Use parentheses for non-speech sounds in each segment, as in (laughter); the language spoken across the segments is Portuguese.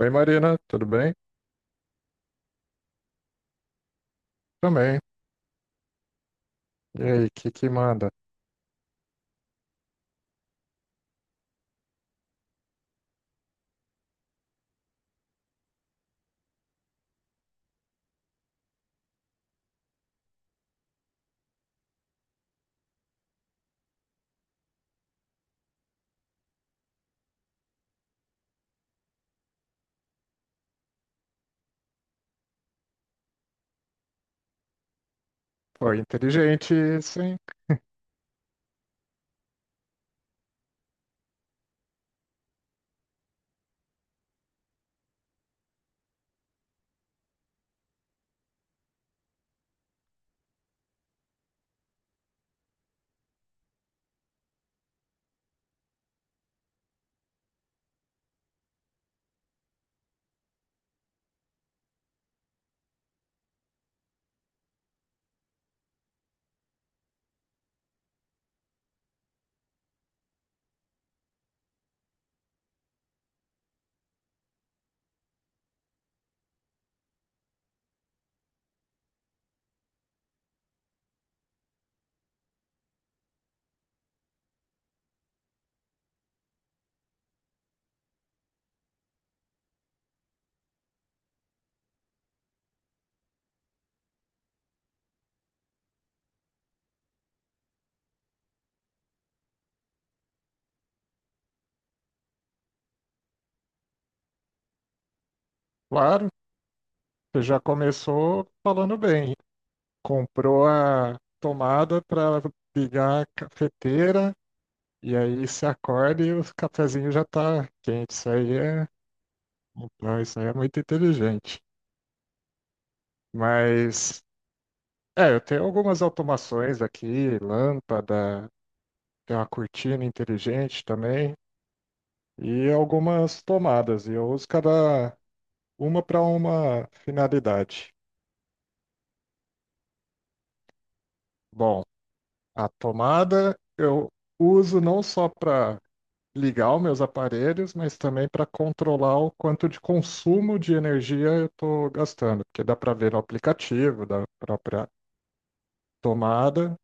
Oi, Marina, tudo bem? Também. E aí, o que que manda? Foi inteligente, sim. Claro, você já começou falando bem. Comprou a tomada para ligar a cafeteira e aí se acorda e o cafezinho já tá quente. Isso aí é muito inteligente. Mas, eu tenho algumas automações aqui, lâmpada, tem uma cortina inteligente também e algumas tomadas. E eu uso cada uma para uma finalidade. Bom, a tomada eu uso não só para ligar os meus aparelhos, mas também para controlar o quanto de consumo de energia eu estou gastando, porque dá para ver no aplicativo da própria tomada,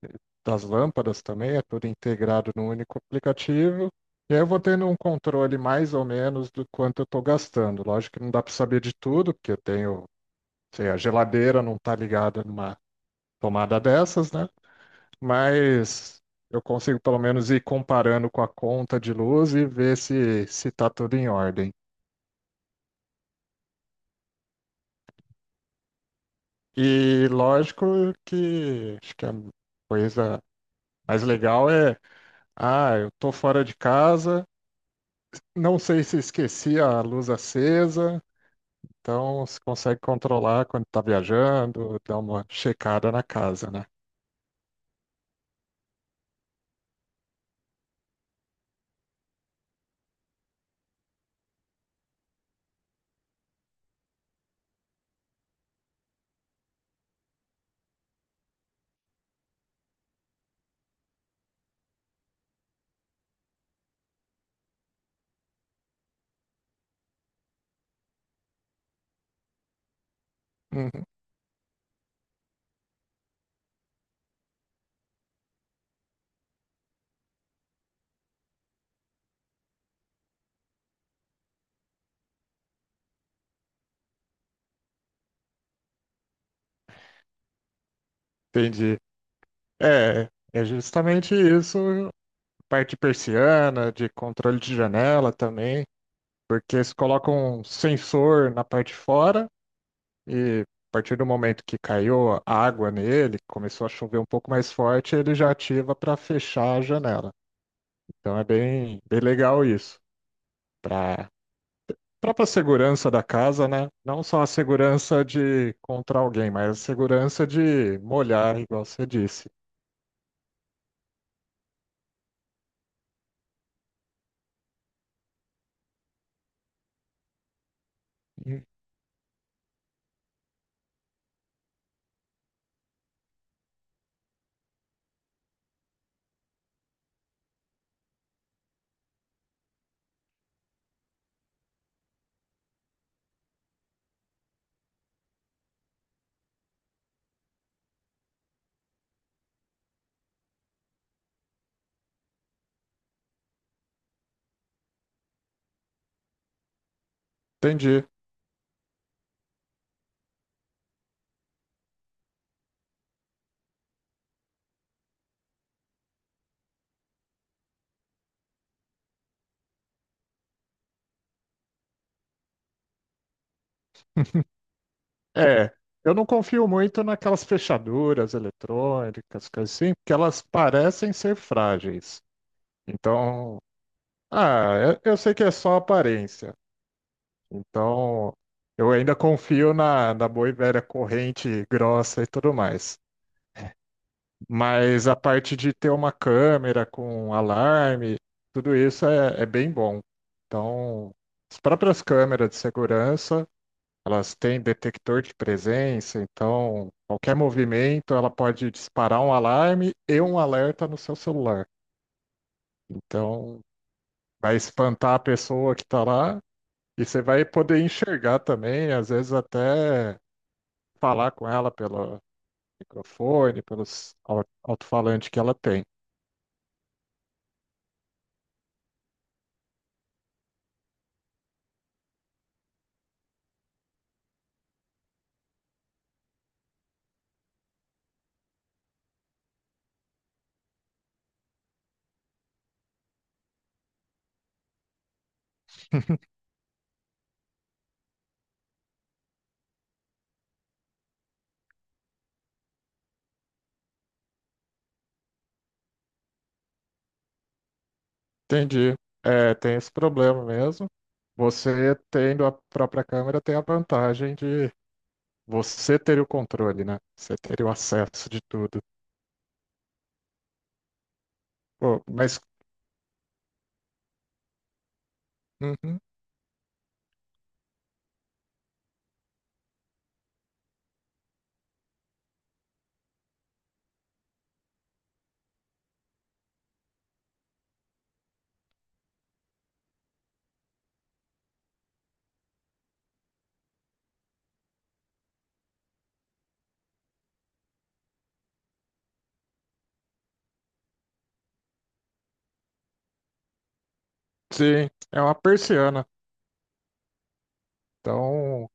das lâmpadas também, é tudo integrado num único aplicativo. E aí eu vou tendo um controle mais ou menos do quanto eu estou gastando. Lógico que não dá para saber de tudo, porque eu tenho, sei, a geladeira não está ligada numa tomada dessas, né? Mas eu consigo pelo menos ir comparando com a conta de luz e ver se tá tudo em ordem. E lógico que acho que a coisa mais legal é, ah, eu tô fora de casa, não sei se esqueci a luz acesa, então você consegue controlar quando tá viajando, dar uma checada na casa, né? Uhum. Entendi. É, é justamente isso, parte de persiana, de controle de janela também. Porque eles colocam um sensor na parte de fora e a partir do momento que caiu a água nele, começou a chover um pouco mais forte, ele já ativa para fechar a janela. Então é bem, bem legal isso. Para própria segurança da casa, né? Não só a segurança de contra alguém, mas a segurança de molhar, igual você disse. Entendi. É, eu não confio muito naquelas fechaduras eletrônicas, coisas assim, porque elas parecem ser frágeis. Então, ah, eu sei que é só aparência. Então, eu ainda confio na, na boa e velha corrente grossa e tudo mais. Mas a parte de ter uma câmera com alarme, tudo isso é, é bem bom. Então, as próprias câmeras de segurança, elas têm detector de presença, então qualquer movimento ela pode disparar um alarme e um alerta no seu celular. Então, vai espantar a pessoa que está lá. E você vai poder enxergar também, às vezes até falar com ela pelo microfone, alto-falante que ela tem. Entendi. É, tem esse problema mesmo. Você tendo a própria câmera tem a vantagem de você ter o controle, né? Você ter o acesso de tudo. Pô, mas uhum, sim, é uma persiana. Então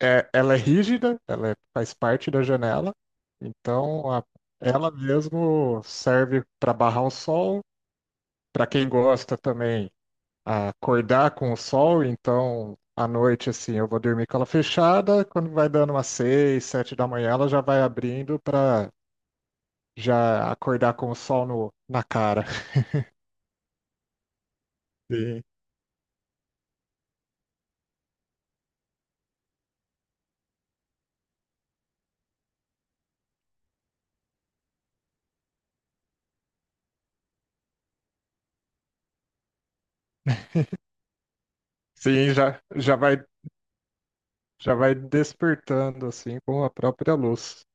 é, ela é rígida, faz parte da janela, então a- ela mesmo serve para barrar o sol. Para quem gosta também acordar com o sol, então à noite assim eu vou dormir com ela fechada. Quando vai dando umas 6, 7 da manhã, ela já vai abrindo para já acordar com o sol no, na cara. (laughs) Sim, sim, já vai despertando assim com a própria luz.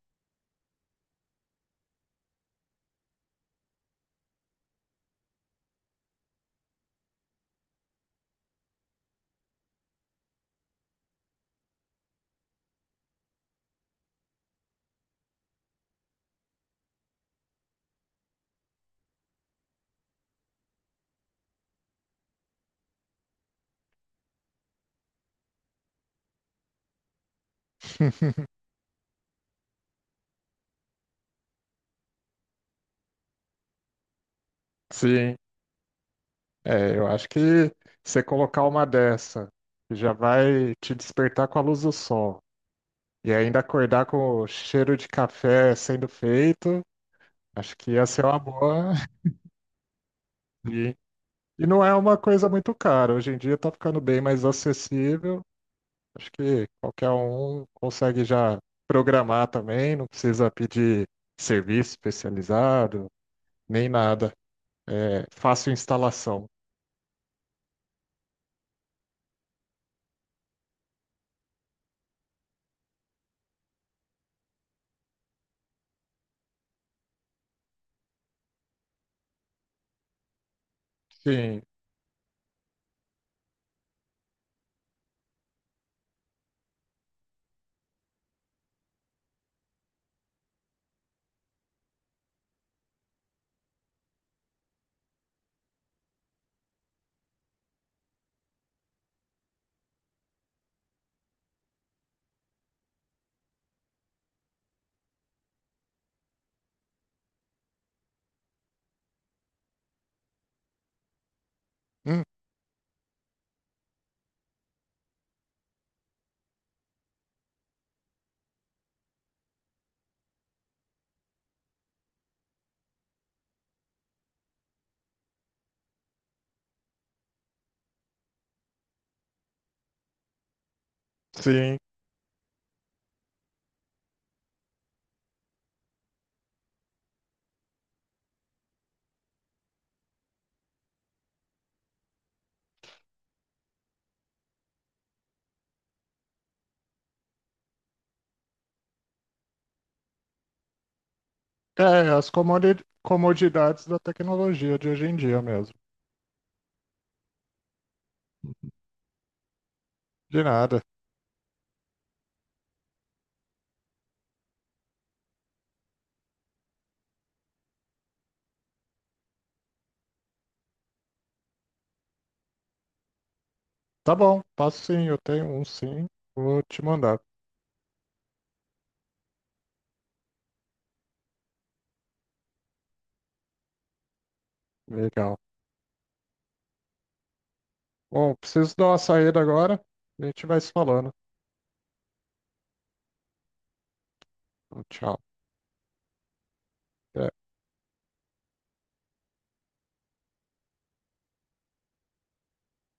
Sim. É, eu acho que você colocar uma dessa, que já vai te despertar com a luz do sol, e ainda acordar com o cheiro de café sendo feito, acho que ia ser uma boa. (laughs) E, e não é uma coisa muito cara. Hoje em dia tá ficando bem mais acessível. Acho que qualquer um consegue já programar também, não precisa pedir serviço especializado, nem nada. É fácil instalação. Sim. Hum. Sim. É, as comodidades da tecnologia de hoje em dia mesmo. De nada. Tá bom, passo sim, eu tenho um sim, vou te mandar. Legal. Bom, preciso dar uma saída agora, a gente vai se falando. Tchau. Até.